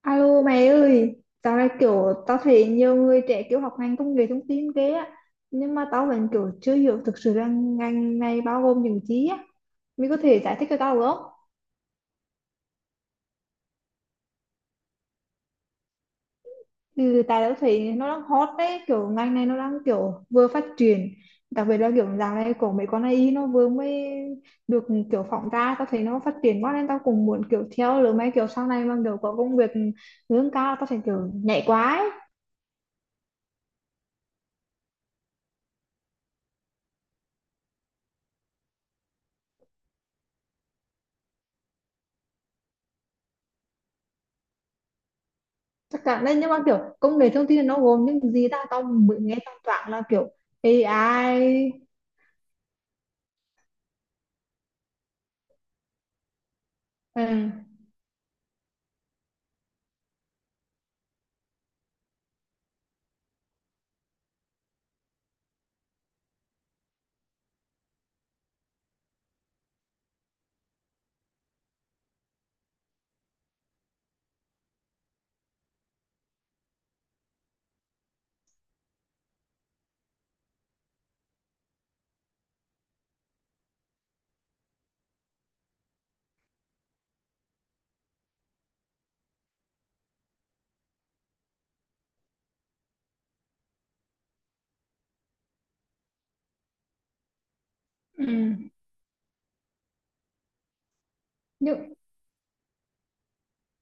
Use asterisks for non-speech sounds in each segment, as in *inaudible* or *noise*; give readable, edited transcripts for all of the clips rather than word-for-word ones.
Alo mày ơi, dạo này tao thấy nhiều người trẻ kiểu học ngành công nghệ thông tin ghê á. Nhưng mà tao vẫn kiểu chưa hiểu thực sự là ngành này bao gồm những gì á. Mày có thể giải thích cho tao được không? Ừ, tại tao thấy nó đang hot đấy, kiểu ngành này nó đang kiểu vừa phát triển. Đặc biệt là kiểu dạo này của mấy con AI nó vừa mới được kiểu phỏng ra. Tao thấy nó phát triển quá nên tao cũng muốn kiểu theo lứa mấy kiểu sau này mà kiểu có công việc lương cao tao phải kiểu nhảy quá ấy. Chắc cả nên nhưng mà kiểu công nghệ thông tin nó gồm những gì ta, tao mới nghe tao toàn là kiểu AI. Ừ, ừ. nhưng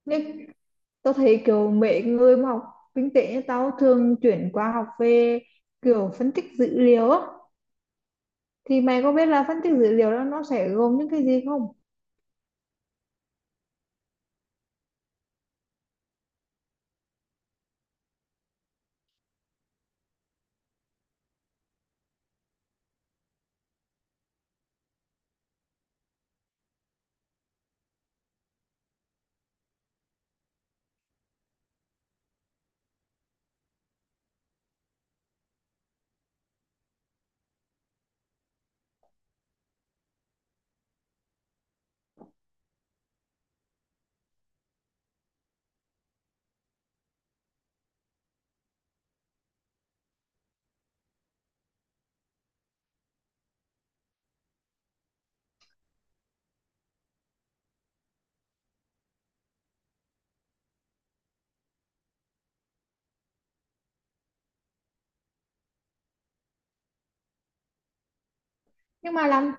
nhưng tao thấy kiểu mấy người mà học kinh tế như tao thường chuyển qua học về kiểu phân tích dữ liệu á, thì mày có biết là phân tích dữ liệu đó nó sẽ gồm những cái gì không? nhưng mà làm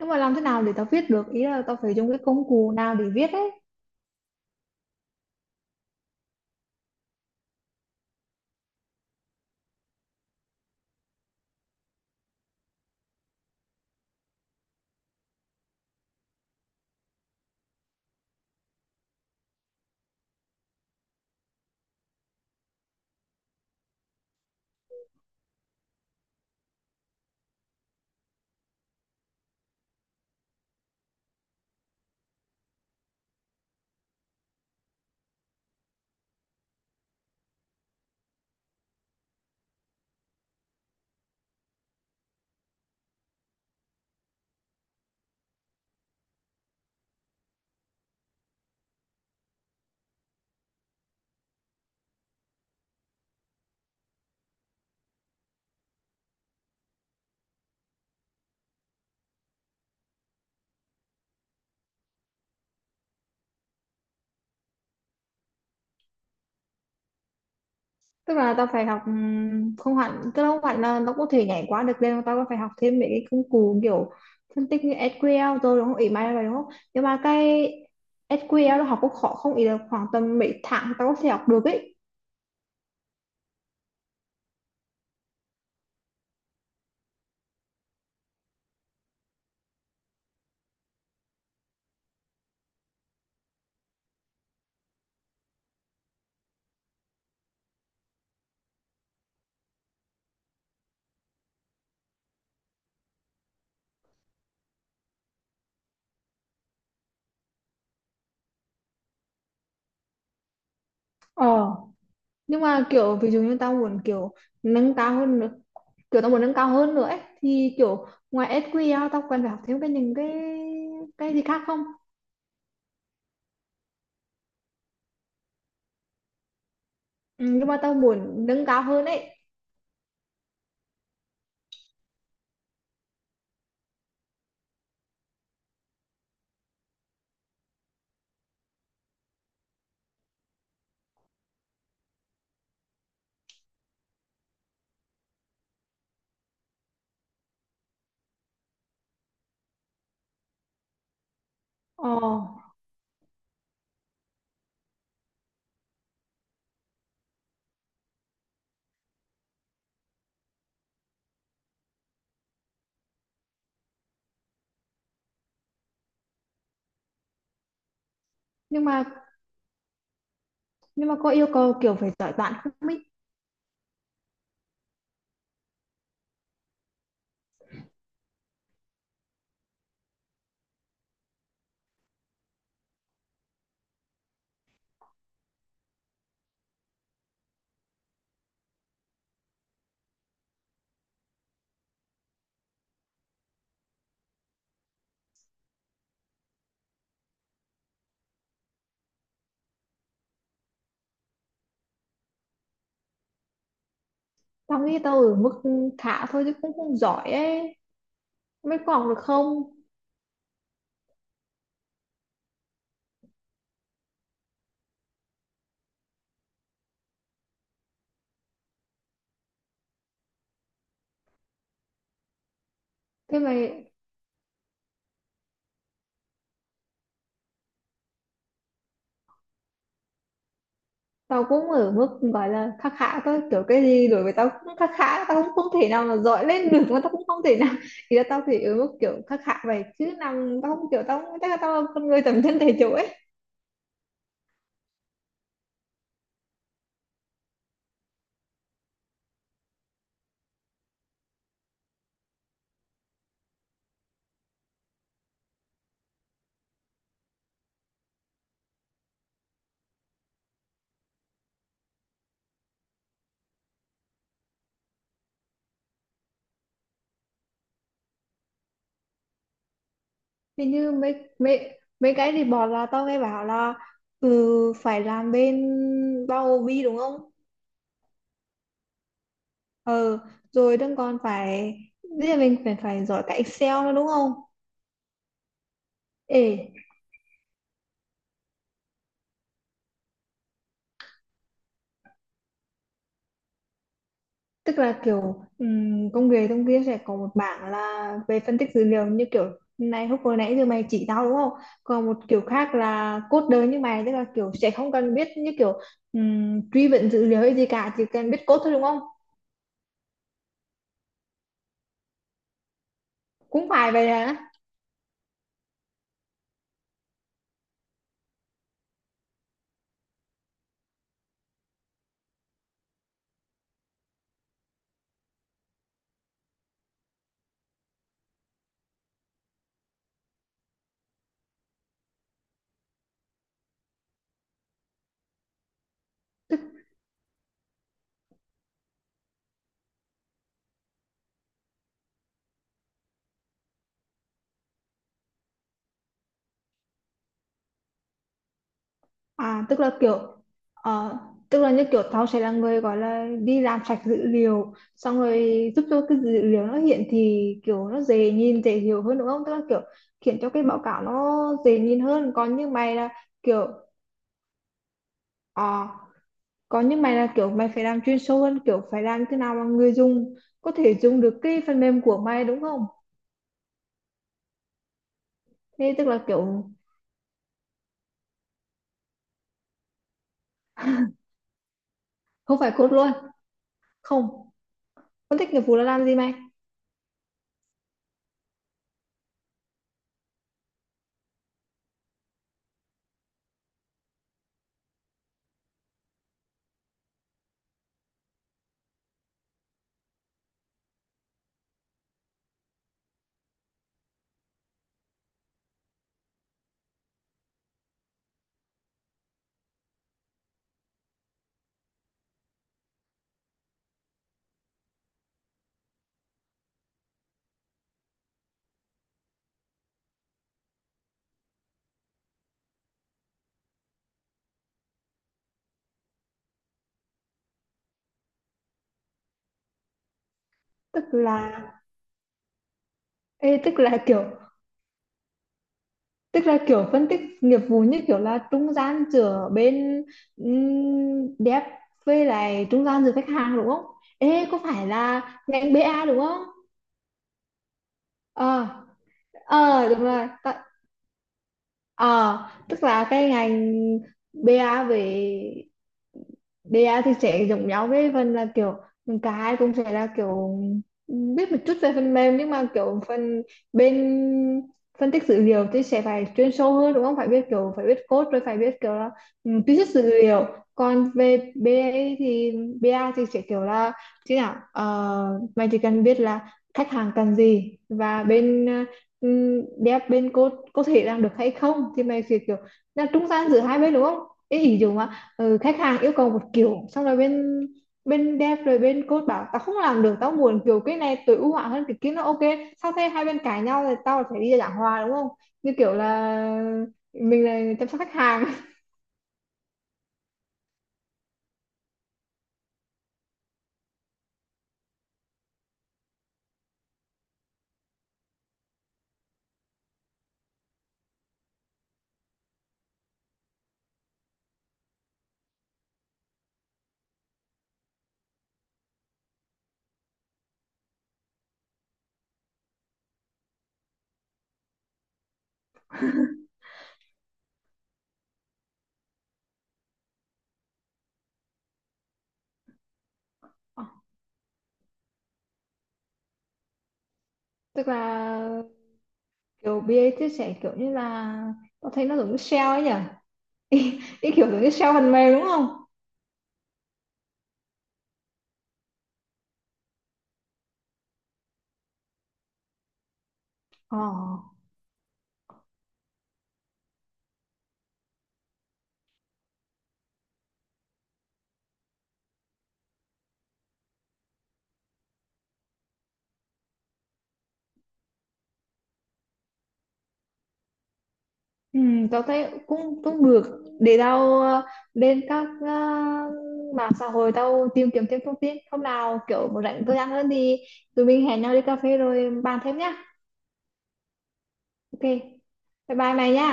nhưng mà làm thế nào để tao viết được, ý là tao phải dùng cái công cụ nào để viết ấy? Tức là tao phải học không hẳn, tức là không hẳn là nó có thể nhảy qua được lên, mà tao có phải học thêm mấy cái công cụ kiểu phân tích như SQL rồi đúng không, ý mày là vậy đúng không? Nhưng mà cái SQL nó học cũng khó không, ý là khoảng tầm mấy tháng tao có thể học được ấy? Ờ, nhưng mà kiểu ví dụ như tao muốn kiểu nâng cao hơn nữa, kiểu tao muốn nâng cao hơn nữa ấy thì kiểu ngoài SQL tao cần phải học thêm những cái gì khác không? Ừ, nhưng mà tao muốn nâng cao hơn ấy. Ờ, nhưng mà nhưng mà có yêu cầu kiểu phải giỏi toán không ấy? Tao nghĩ tao ở mức khá thôi chứ cũng không giỏi ấy, mới có học được không? Thế mà tao cũng ở mức gọi là khá khá thôi, kiểu cái gì đối với tao cũng khá khá, tao cũng không thể nào mà giỏi lên được mà tao cũng không thể nào. Thì là tao thì ở mức kiểu khá khá vậy chứ nằm tao không kiểu tao không- chắc là tao là con người tầm thân thể chủ ấy. Thì như mấy mấy mấy cái thì bọn là tao nghe bảo là ừ, phải làm bên bao bì đúng không? Ờ, rồi đừng còn phải bây giờ mình phải phải giỏi cả Excel nữa đúng không? Ê, tức là kiểu công nghệ thông kia sẽ có một bảng là về phân tích dữ liệu như kiểu này, lúc vừa nãy giờ mày chỉ tao đúng không? Còn một kiểu khác là cốt đời như mày, tức là kiểu sẽ không cần biết như kiểu truy vấn dữ liệu hay gì cả, chỉ cần biết cốt thôi đúng không? Cũng phải vậy hả? À, tức là kiểu ờ, tức là như kiểu tao sẽ là người gọi là đi làm sạch dữ liệu xong rồi giúp cho cái dữ liệu nó hiện thì kiểu nó dễ nhìn dễ hiểu hơn đúng không? Tức là kiểu khiến cho cái báo cáo nó dễ nhìn hơn, còn như mày là kiểu à, còn như mày là kiểu mày phải làm chuyên sâu hơn kiểu phải làm thế nào mà người dùng có thể dùng được cái phần mềm của mày đúng không? Thế tức là kiểu không phải code luôn? Không, phân tích nghiệp vụ là làm gì mày? Tức là Ê, tức là kiểu phân tích nghiệp vụ như kiểu là trung gian giữa bên dev với lại trung gian giữa khách hàng đúng không? Ê, có phải là ngành bê A đúng không? Ờ, ờ đúng rồi. Ờ, tức là cái ngành BA, về BA thì sẽ giống nhau với phần là kiểu cả hai cũng sẽ là kiểu biết một chút về phần mềm, nhưng mà kiểu phần bên phân tích dữ liệu thì sẽ phải chuyên sâu hơn đúng không? Phải biết kiểu phải biết code rồi phải biết kiểu là ừ, truy xuất dữ liệu. Còn về BA thì BA thì sẽ kiểu là chứ nào mày chỉ cần biết là khách hàng cần gì và bên đẹp bên cô có thể làm được hay không, thì mày sẽ kiểu là trung gian giữa hai bên đúng không? Ý ví dụ mà ừ, khách hàng yêu cầu một kiểu xong rồi bên bên đẹp rồi bên cô bảo tao không làm được, tao muốn kiểu cái này tối ưu hóa hơn cái kia nó ok, sau thế hai bên cãi nhau thì tao phải đi giảng hòa đúng không, như kiểu là mình là chăm sóc khách hàng. *laughs* Ờ, tức là kiểu BA chia sẻ kiểu như là tao thấy nó giống như sale ấy nhỉ. *laughs* ý, ý Kiểu giống như sale phần mềm đúng không? Ờ. Ừ, tao thấy cũng cũng được, để tao lên các mạng xã hội tao tìm kiếm thêm thông tin, hôm nào kiểu một rảnh tôi ăn hơn thì tụi mình hẹn nhau đi cà phê rồi bàn thêm nhá. Ok. Bye bye mày nhá.